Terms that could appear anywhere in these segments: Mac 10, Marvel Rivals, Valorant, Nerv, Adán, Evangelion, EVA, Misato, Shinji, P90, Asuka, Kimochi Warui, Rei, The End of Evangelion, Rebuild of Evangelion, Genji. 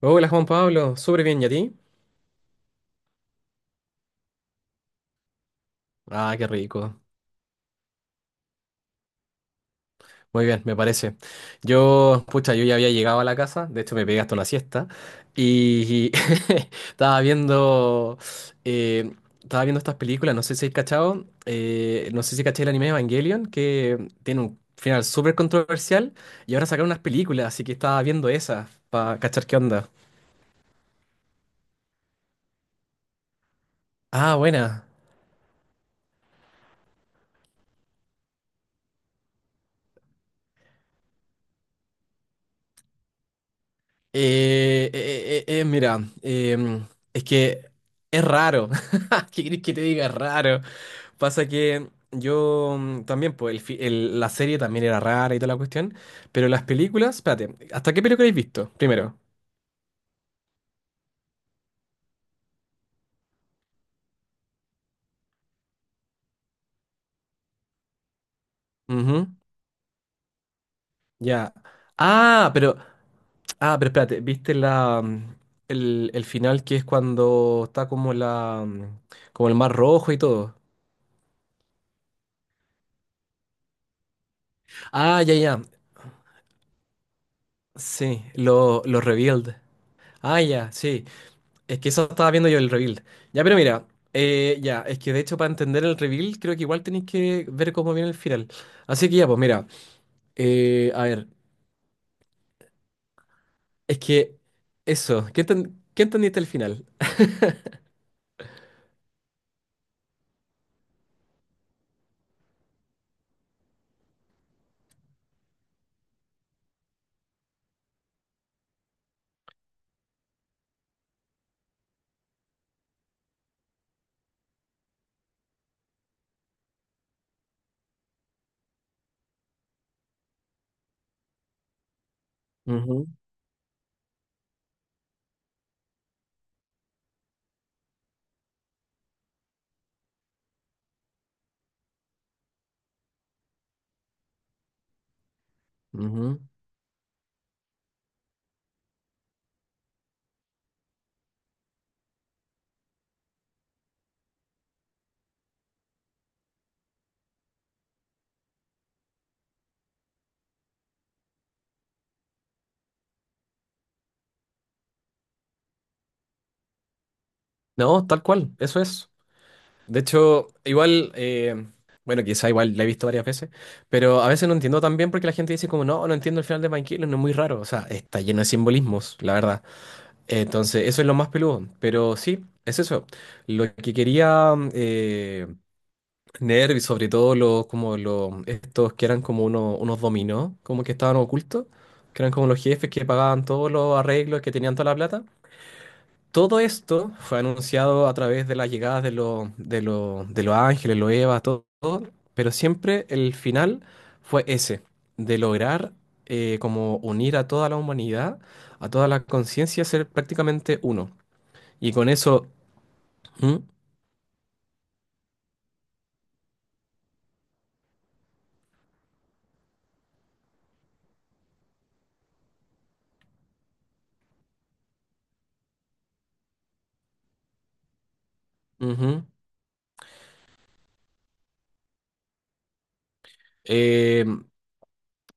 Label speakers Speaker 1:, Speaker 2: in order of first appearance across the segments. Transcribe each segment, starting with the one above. Speaker 1: Hola Juan Pablo, súper bien, ¿y a ti? Ah, qué rico. Muy bien, me parece. Yo, pucha, yo ya había llegado a la casa, de hecho me pegué hasta una siesta y estaba viendo, eh, estaba viendo estas películas, no sé si has cachado, no sé si caché el anime Evangelion, que tiene un final súper controversial y ahora sacaron unas películas, así que estaba viendo esas para cachar qué onda. Ah, buena. Mira, es que es raro. ¿Qué querés que te diga? Es raro. Pasa que yo también, pues la serie también era rara y toda la cuestión. Pero las películas, espérate, ¿hasta qué película habéis visto? Primero. Ujú, ya. Ah, pero, ah, pero espérate, ¿viste el final que es cuando está como como el mar rojo y todo? Ah, ya, ya. Sí, lo revealed. Ah, ya, sí. Es que eso estaba viendo yo el reveal. Ya, pero mira, ya, es que de hecho para entender el reveal creo que igual tenéis que ver cómo viene el final. Así que ya, pues mira, a ver, es que eso, ¿qué entendiste el final? Ujú, ujú. No, tal cual, eso es. De hecho, igual, bueno, quizá igual la he visto varias veces, pero a veces no entiendo tan bien porque la gente dice como, no, no entiendo el final de Mike no es muy raro, o sea, está lleno de simbolismos, la verdad. Entonces, eso es lo más peludo. Pero sí, es eso. Lo que quería Nerv y sobre todo los, como los, estos que eran como unos dominó, como que estaban ocultos, que eran como los jefes que pagaban todos los arreglos, que tenían toda la plata. Todo esto fue anunciado a través de las llegadas de los, ángeles, los Evas, todo, todo, pero siempre el final fue ese, de lograr como unir a toda la humanidad, a toda la conciencia, ser prácticamente uno. Y con eso, ujú, ujú. Eh,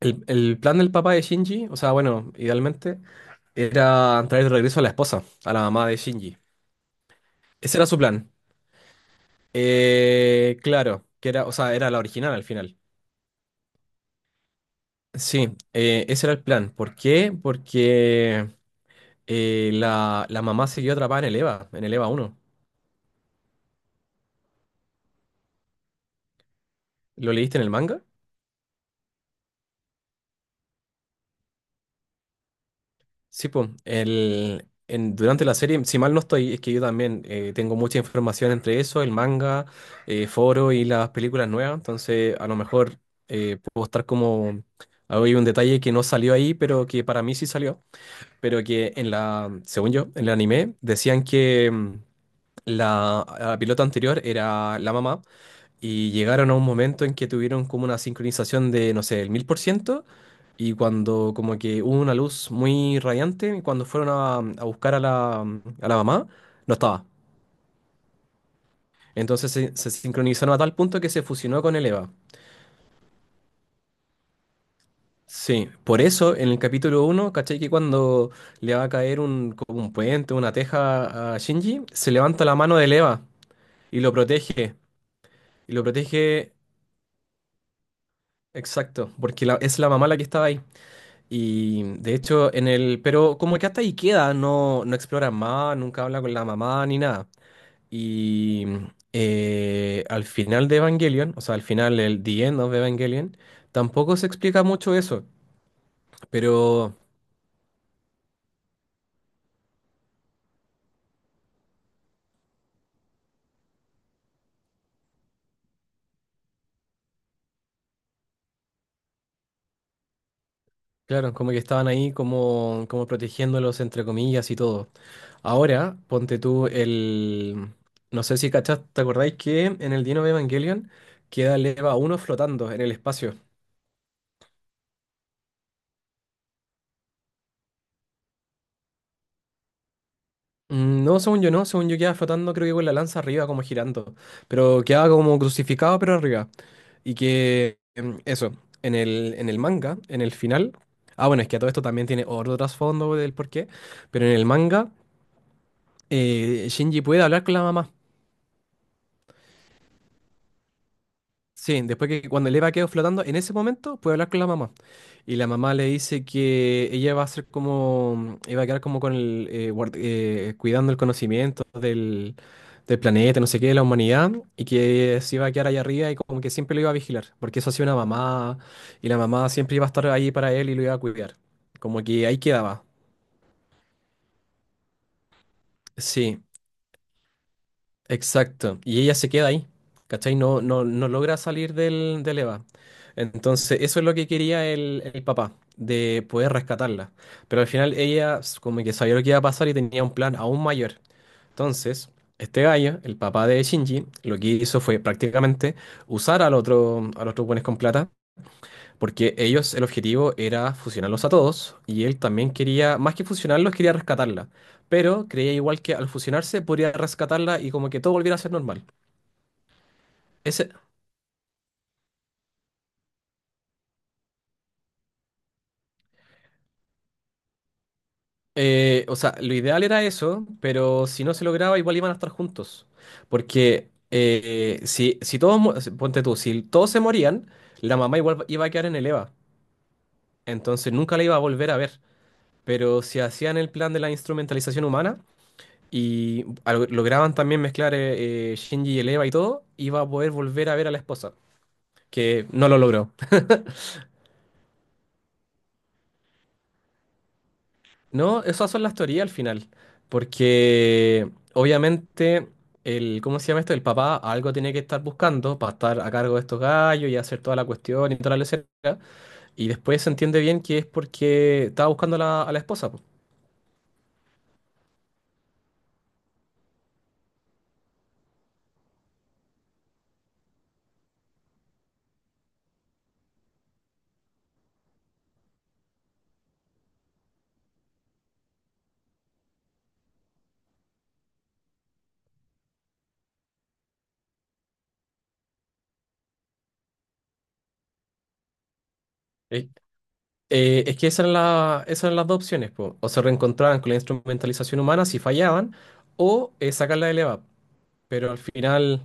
Speaker 1: el plan del papá de Shinji, o sea, bueno, idealmente, era traer de regreso a la esposa, a la mamá de Shinji. Ese era su plan. Claro, que era, o sea, era la original al final. Sí, ese era el plan. ¿Por qué? Porque la mamá siguió atrapada en el EVA uno. ¿Lo leíste en el manga? Sí, pues, durante la serie, si mal no estoy, es que yo también tengo mucha información entre eso, el manga, foro y las películas nuevas, entonces a lo mejor puedo estar como, hay un detalle que no salió ahí, pero que para mí sí salió, pero que en la, según yo, en el anime decían que la pilota anterior era la mamá y llegaron a un momento en que tuvieron como una sincronización de, no sé, el 1.000%, y cuando como que hubo una luz muy radiante, y cuando fueron a buscar a la mamá, no estaba. Entonces se sincronizaron a tal punto que se fusionó con el Eva. Sí, por eso en el capítulo uno, ¿cachai? Que cuando le va a caer un, como un puente, una teja a Shinji, se levanta la mano de Eva y lo protege. Y lo protege, exacto, porque es la mamá la que estaba ahí. Y de hecho, en el. Pero como que hasta ahí queda, no explora más, nunca habla con la mamá ni nada. Y al final de Evangelion, o sea, al final, el The End of Evangelion, tampoco se explica mucho eso. Pero claro, como que estaban ahí como protegiéndolos, entre comillas y todo. Ahora, ponte tú el. No sé si cachás, ¿te acordáis que en el The End of Evangelion queda el EVA 1 flotando en el espacio? Mm, no, según yo no, según yo quedaba flotando, creo que con la lanza arriba, como girando. Pero quedaba como crucificado, pero arriba. Y que eso, en el manga, en el final. Ah, bueno, es que a todo esto también tiene otro trasfondo del porqué. Pero en el manga, Shinji puede hablar con la mamá. Sí, después que cuando el Eva quedó flotando, en ese momento puede hablar con la mamá. Y la mamá le dice que ella va a ser como, iba a quedar como con cuidando el conocimiento del planeta, no sé qué, de la humanidad, y que se iba a quedar allá arriba y como que siempre lo iba a vigilar, porque eso hacía una mamá, y la mamá siempre iba a estar ahí para él y lo iba a cuidar. Como que ahí quedaba. Sí, exacto. Y ella se queda ahí, ¿cachai? No, no logra salir del EVA. Entonces, eso es lo que quería el papá, de poder rescatarla. Pero al final ella como que sabía lo que iba a pasar y tenía un plan aún mayor. Entonces, este gallo, el papá de Shinji, lo que hizo fue prácticamente usar a los otros buenos con plata, porque ellos, el objetivo era fusionarlos a todos, y él también quería, más que fusionarlos, quería rescatarla, pero creía igual que al fusionarse podría rescatarla y como que todo volviera a ser normal. Ese, o sea, lo ideal era eso, pero si no se lograba, igual iban a estar juntos. Porque si, si todos, mu- si, ponte tú, si todos se morían, la mamá igual iba a quedar en el EVA. Entonces nunca la iba a volver a ver. Pero si hacían el plan de la instrumentalización humana y lograban también mezclar Shinji y el EVA y todo, iba a poder volver a ver a la esposa, que no lo logró. No, esas son las teorías al final, porque obviamente ¿cómo se llama esto? El papá algo tiene que estar buscando para estar a cargo de estos gallos y hacer toda la cuestión y toda la lecera, y después se entiende bien que es porque estaba buscando a la esposa, po. Eh, es que esas eran, esas eran las dos opciones, po. O se reencontraban con la instrumentalización humana si fallaban, o sacarla del EVAP. Pero al final,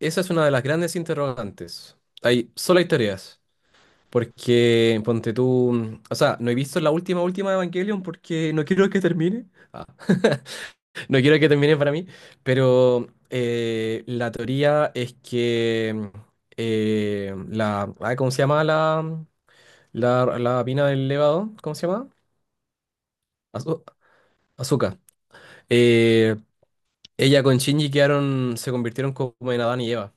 Speaker 1: esa es una de las grandes interrogantes. Solo hay teorías. Porque, ponte tú, o sea, no he visto la última, última Evangelion porque no quiero que termine. Ah, no quiero que termine para mí, pero la teoría es que ¿cómo se llama la mina del levado? ¿Cómo se llama? Azu- Azuka. Eh, ella con Shinji quedaron, se convirtieron como en Adán y Eva.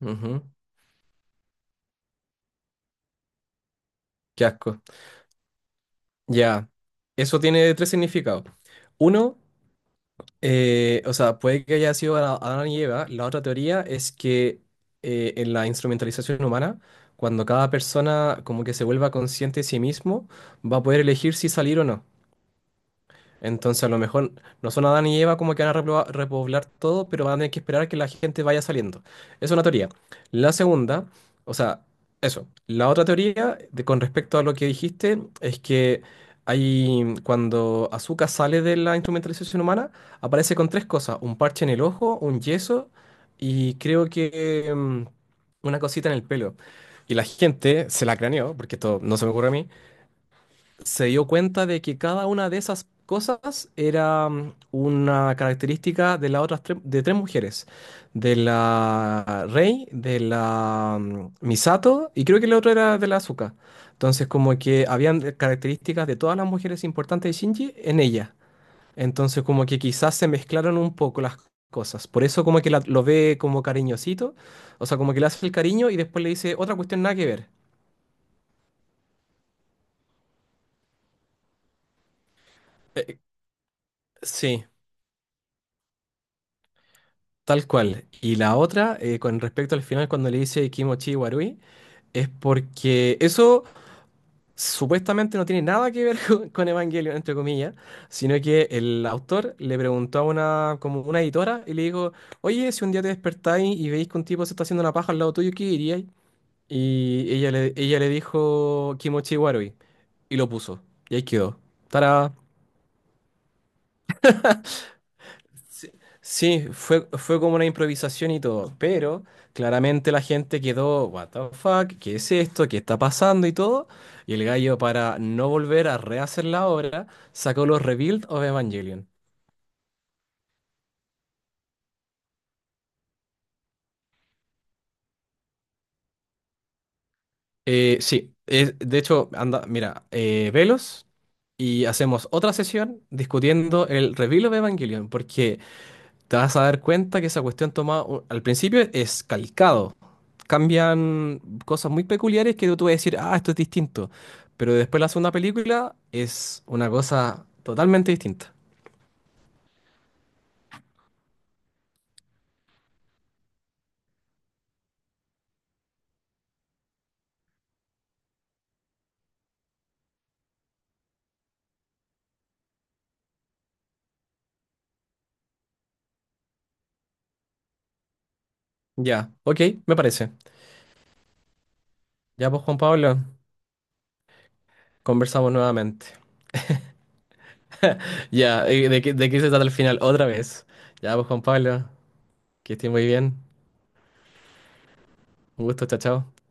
Speaker 1: Ujú. Qué asco. Ya. Eso tiene tres significados. Uno. O sea, puede que haya sido Adán y Eva. La otra teoría es que en la instrumentalización humana, cuando cada persona como que se vuelva consciente de sí mismo, va a poder elegir si salir o no. Entonces, a lo mejor no son Adán y Eva como que van a repoblar todo, pero van a tener que esperar a que la gente vaya saliendo. Es una teoría. La segunda, o sea, eso. La otra teoría, con respecto a lo que dijiste, es que cuando Azúcar sale de la instrumentalización humana, aparece con tres cosas: un parche en el ojo, un yeso y creo que una cosita en el pelo. Y la gente se la craneó, porque esto no se me ocurre a mí, se dio cuenta de que cada una de esas cosas era una característica de las otras tres, de tres mujeres, de la Rei, de la Misato y creo que la otra era de la Asuka. Entonces como que habían características de todas las mujeres importantes de Shinji en ella. Entonces como que quizás se mezclaron un poco las cosas. Por eso como que lo ve como cariñosito, o sea, como que le hace el cariño y después le dice otra cuestión nada que ver. Eh, sí. Tal cual. Y la otra, con respecto al final, cuando le dice Kimochi Warui, es porque eso supuestamente no tiene nada que ver con, Evangelion, entre comillas, sino que el autor le preguntó a una, como una editora y le dijo, oye, si un día te despertáis y veis que un tipo se está haciendo una paja al lado tuyo, ¿qué diríais? Y ella le dijo Kimochi Warui y lo puso. Y ahí quedó. Tará. Sí, sí, fue como una improvisación y todo, pero claramente la gente quedó, what the fuck, ¿qué es esto? ¿Qué está pasando? Y todo. Y el gallo, para no volver a rehacer la obra, sacó los Rebuild of Evangelion. Sí, de hecho, anda, mira, velos y hacemos otra sesión discutiendo el Rebuild of Evangelion, porque te vas a dar cuenta que esa cuestión toma, al principio es calcado. Cambian cosas muy peculiares que tú vas a decir, ah, esto es distinto. Pero después la segunda película es una cosa totalmente distinta. Ya, ok, me parece. Ya, pues Juan Pablo, conversamos nuevamente. Ya, ¿de qué se trata el final? Otra vez. Ya, pues Juan Pablo, que estés muy bien. Un gusto, chao, chao.